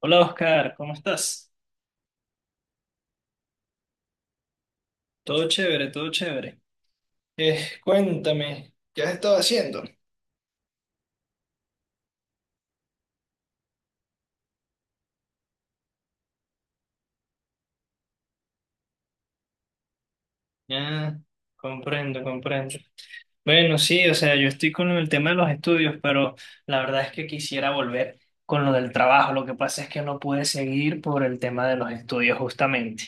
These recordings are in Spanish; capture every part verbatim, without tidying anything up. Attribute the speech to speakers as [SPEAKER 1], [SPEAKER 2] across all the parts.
[SPEAKER 1] Hola Oscar, ¿cómo estás? Todo chévere, todo chévere. Eh, cuéntame, ¿qué has estado haciendo? Ah, comprendo, comprendo. Bueno, sí, o sea, yo estoy con el tema de los estudios, pero la verdad es que quisiera volver con lo del trabajo. Lo que pasa es que no pude seguir por el tema de los estudios justamente.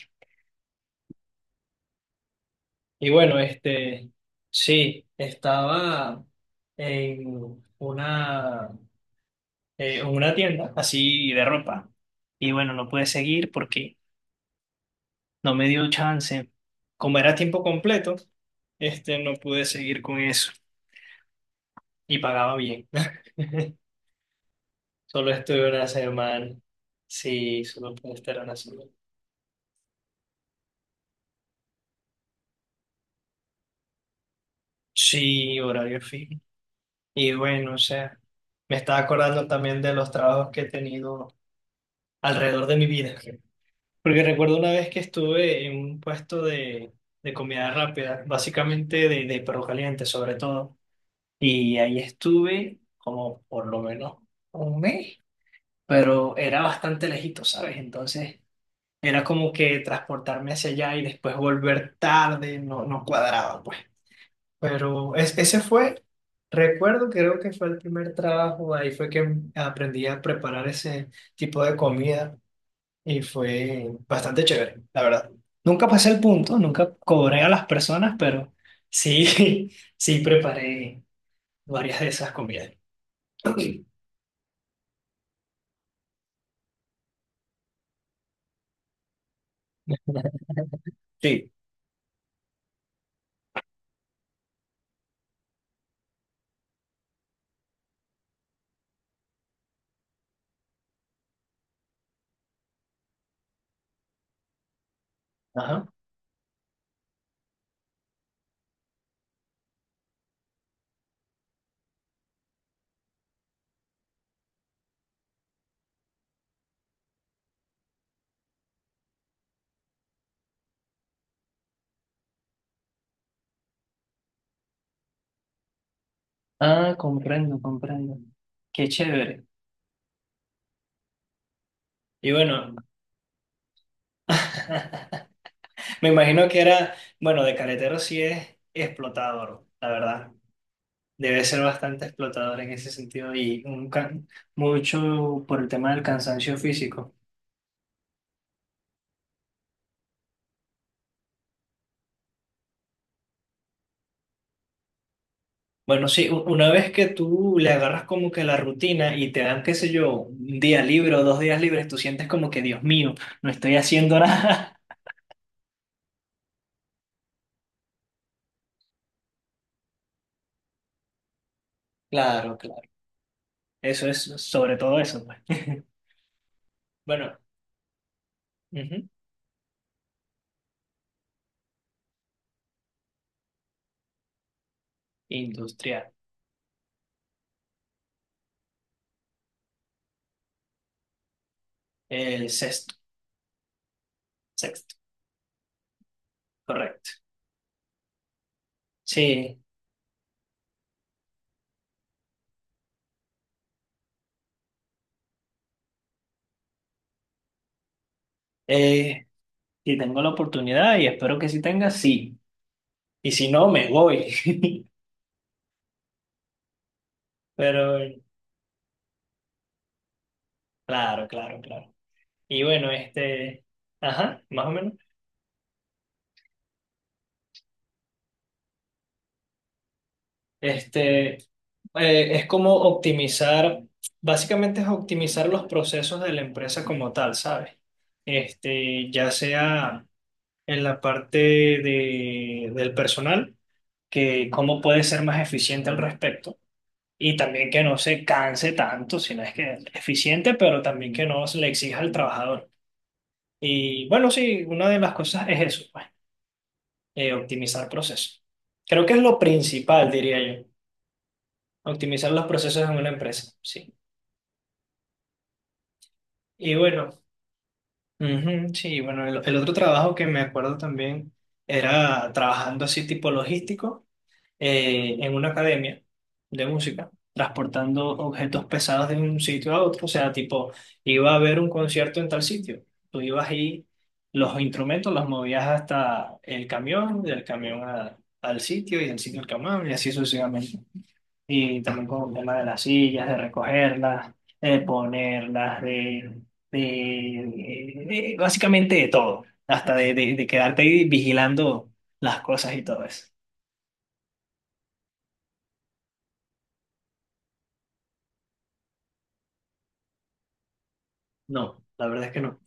[SPEAKER 1] Y bueno, este, sí, estaba en una, eh, en una tienda así de ropa. Y bueno, no pude seguir porque no me dio chance. Como era tiempo completo, este, no pude seguir con eso y pagaba bien. Solo estuve una semana. Sí, solo pude estar una semana. Sí, horario fijo. Y bueno, o sea, me estaba acordando también de los trabajos que he tenido alrededor de mi vida. Porque recuerdo una vez que estuve en un puesto de, de comida rápida, básicamente de, de perro caliente sobre todo. Y ahí estuve como por lo menos un mes. Pero era bastante lejito, ¿sabes? Entonces era como que transportarme hacia allá y después volver tarde, no, no cuadraba, pues. Pero es- ese fue, recuerdo, creo que fue el primer trabajo, ahí fue que aprendí a preparar ese tipo de comida y fue bastante chévere, la verdad. Nunca pasé el punto, nunca cobré a las personas, pero sí, sí preparé varias de esas comidas. Sí. Sí, Ajá. Ah, comprendo, comprendo. Qué chévere. Y bueno, me imagino que era, bueno, de caletero sí es explotador, la verdad. Debe ser bastante explotador en ese sentido y un can- mucho por el tema del cansancio físico. Bueno, sí, u- una vez que tú le agarras como que la rutina y te dan, qué sé yo, un día libre o dos días libres, tú sientes como que, Dios mío, no estoy haciendo nada. Claro, claro. Eso es sobre todo eso, pues. Bueno, ujú, Industrial. El sexto, sexto, correcto. Sí, eh, si tengo la oportunidad y espero que si tenga, sí. Y si no, me voy. Pero claro, claro, claro. Y bueno, este, ajá, más o menos. Este, eh, es como optimizar, básicamente es optimizar los procesos de la empresa como tal, ¿sabes? Este, ya sea en la parte de, del personal, que cómo puede ser más eficiente al respecto. Y también que no se canse tanto, sino es que es eficiente, pero también que no se le exija al trabajador. Y bueno, sí, una de las cosas es eso, pues, eh, optimizar procesos. Creo que es lo principal, diría yo, optimizar los procesos en una empresa, sí. Y bueno, ujú, sí, bueno, el, el otro trabajo que me acuerdo también era trabajando así tipo logístico. Eh, en una academia de música, transportando objetos pesados de un sitio a otro. O sea, tipo, iba a haber un concierto en tal sitio. Tú ibas ahí, los instrumentos los movías hasta el camión, del camión a- al sitio y del sitio al camión y así sucesivamente. Y también con el tema de las sillas, de recogerlas, de ponerlas, de, de- de- de- básicamente de todo, hasta de, de de quedarte ahí vigilando las cosas y todo eso. No, la verdad es que no.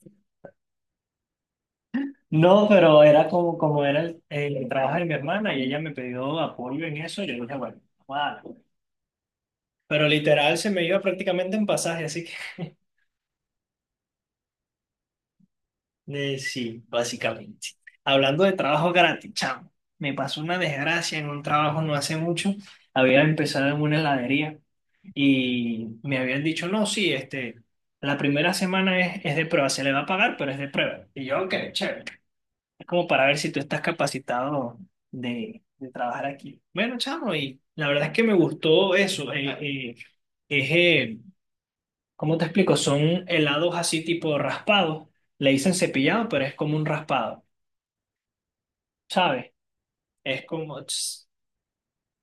[SPEAKER 1] No, pero era como, como era el, el trabajo de mi hermana y ella me pidió apoyo en eso y yo dije, bueno, vamos a darle. Pero literal se me iba prácticamente en pasaje, así que eh, sí, básicamente. Hablando de trabajo gratis, chamo, me pasó una desgracia en un trabajo no hace mucho. Había empezado en una heladería y me habían dicho, no, sí, este, la primera semana es, es de prueba, se le va a pagar, pero es de prueba. Y yo, ok, chévere. Es como para ver si tú estás capacitado de, de trabajar aquí. Bueno, chamo, y la verdad es que me gustó eso. eh, eh, es, eh, ¿cómo te explico? Son helados así tipo raspados. Le dicen cepillado, pero es como un raspado, ¿sabes? Es como... ts-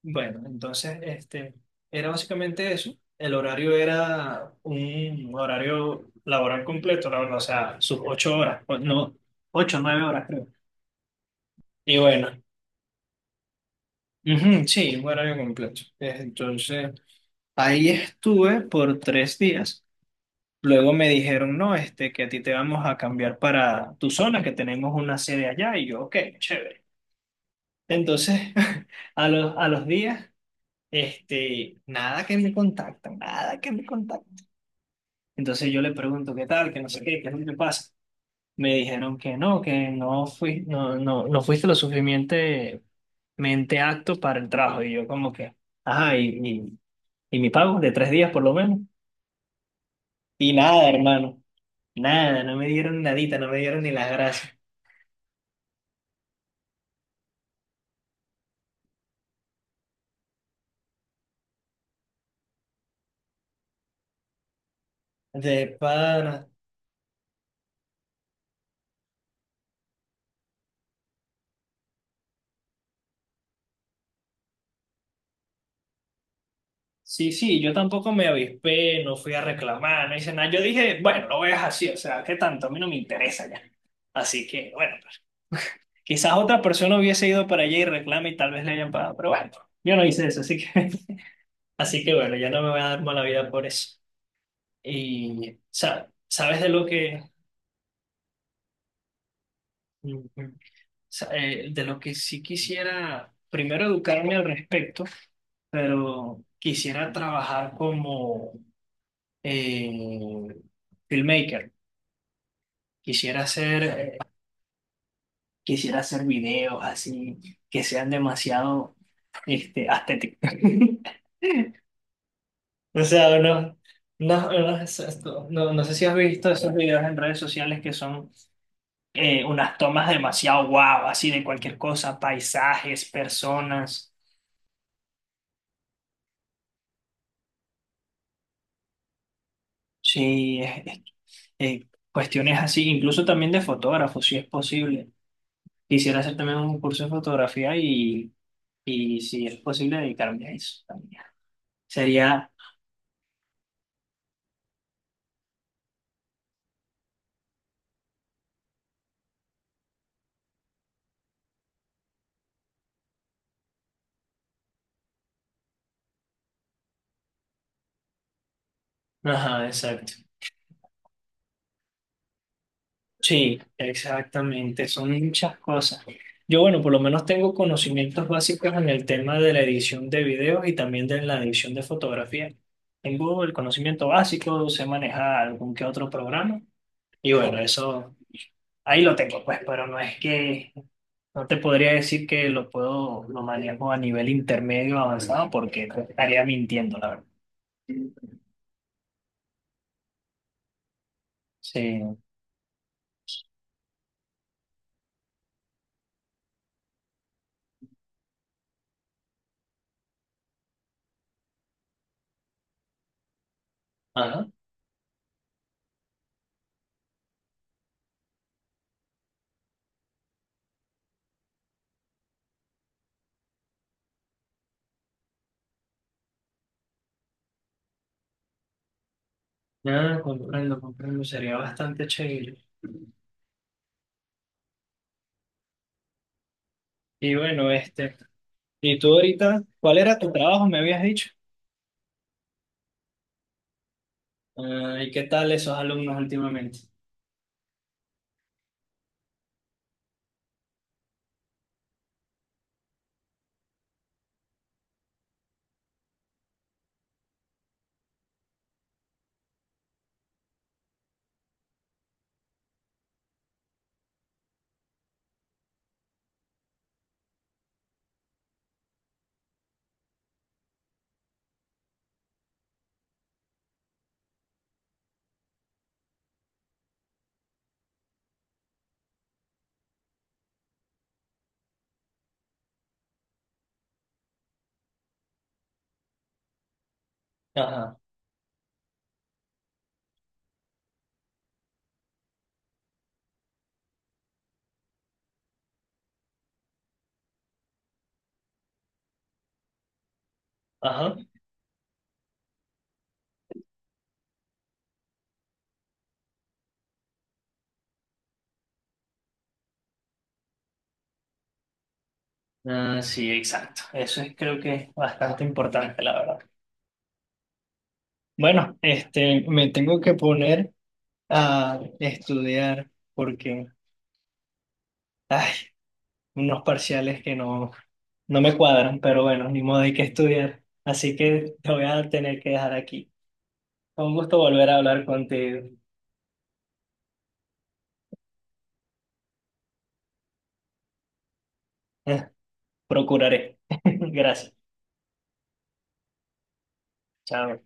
[SPEAKER 1] Bueno, entonces, este, era básicamente eso. El horario era un horario laboral completo, la verdad, o sea, sus ocho horas, o no, ocho, nueve horas creo. Y bueno. Ujú, sí, un horario completo. Entonces, ahí estuve por tres días. Luego me dijeron, no, este, que a ti te vamos a cambiar para tu zona, que tenemos una sede allá. Y yo, ok, chévere. Entonces, a los, a los días, este, nada que me contactan, nada que me contactan. Entonces yo le pregunto, ¿qué tal? Que no sé qué, qué es lo que pasa. Me dijeron que no, que no fui, no, no, no fuiste lo suficientemente mente acto para el trabajo. Y yo como que, ajá, y, y mi pago de tres días por lo menos. Y nada, hermano, nada, no me dieron nadita, no me dieron ni las gracias. De pana. Sí, sí, yo tampoco me avispé, no fui a reclamar, no hice nada. Yo dije, bueno, lo veas así, o sea, ¿qué tanto? A mí no me interesa ya. Así que, bueno, pues, quizás otra persona hubiese ido para allá y reclama y tal vez le hayan pagado, pero bueno, yo no hice eso, así que, así que bueno, ya no me voy a dar mala vida por eso. Y, sa- ¿sabes de lo que, sea, eh, de lo que sí quisiera, primero educarme al respecto, pero quisiera trabajar como eh, filmmaker. Quisiera hacer, eh, quisiera hacer videos así que sean demasiado este, estéticos. O sea, no, no, no, es esto. No, no sé si has visto esos videos en redes sociales que son eh, unas tomas demasiado guau, así de cualquier cosa, paisajes, personas. Sí, eh, cuestiones así, incluso también de fotógrafo, si es posible. Quisiera hacer también un curso de fotografía y, y si es posible dedicarme a eso también. Sería, ajá, exacto. Sí, exactamente, son muchas cosas. Yo, bueno, por lo menos tengo conocimientos básicos en el tema de la edición de videos y también de la edición de fotografía. Tengo el conocimiento básico, sé manejar algún que otro programa y bueno, eso ahí lo tengo, pues, pero no es que No te podría decir que lo puedo, lo manejo a nivel intermedio avanzado porque te estaría mintiendo, la verdad. Sí. Ajá. Ah, comprendo, comprendo. Sería bastante chévere. Y bueno, este, ¿y tú ahorita, cuál era tu trabajo, me habías dicho? Ah, ¿y qué tal esos alumnos últimamente? Ajá, ajá. Ah, sí, exacto. Eso es, creo que es bastante importante, la verdad. Bueno, este, me tengo que poner a estudiar porque, ay, unos parciales que no. No me cuadran, pero bueno, ni modo hay que estudiar. Así que te voy a tener que dejar aquí. Fue Un gusto volver a hablar contigo. Procuraré. Gracias. Chao.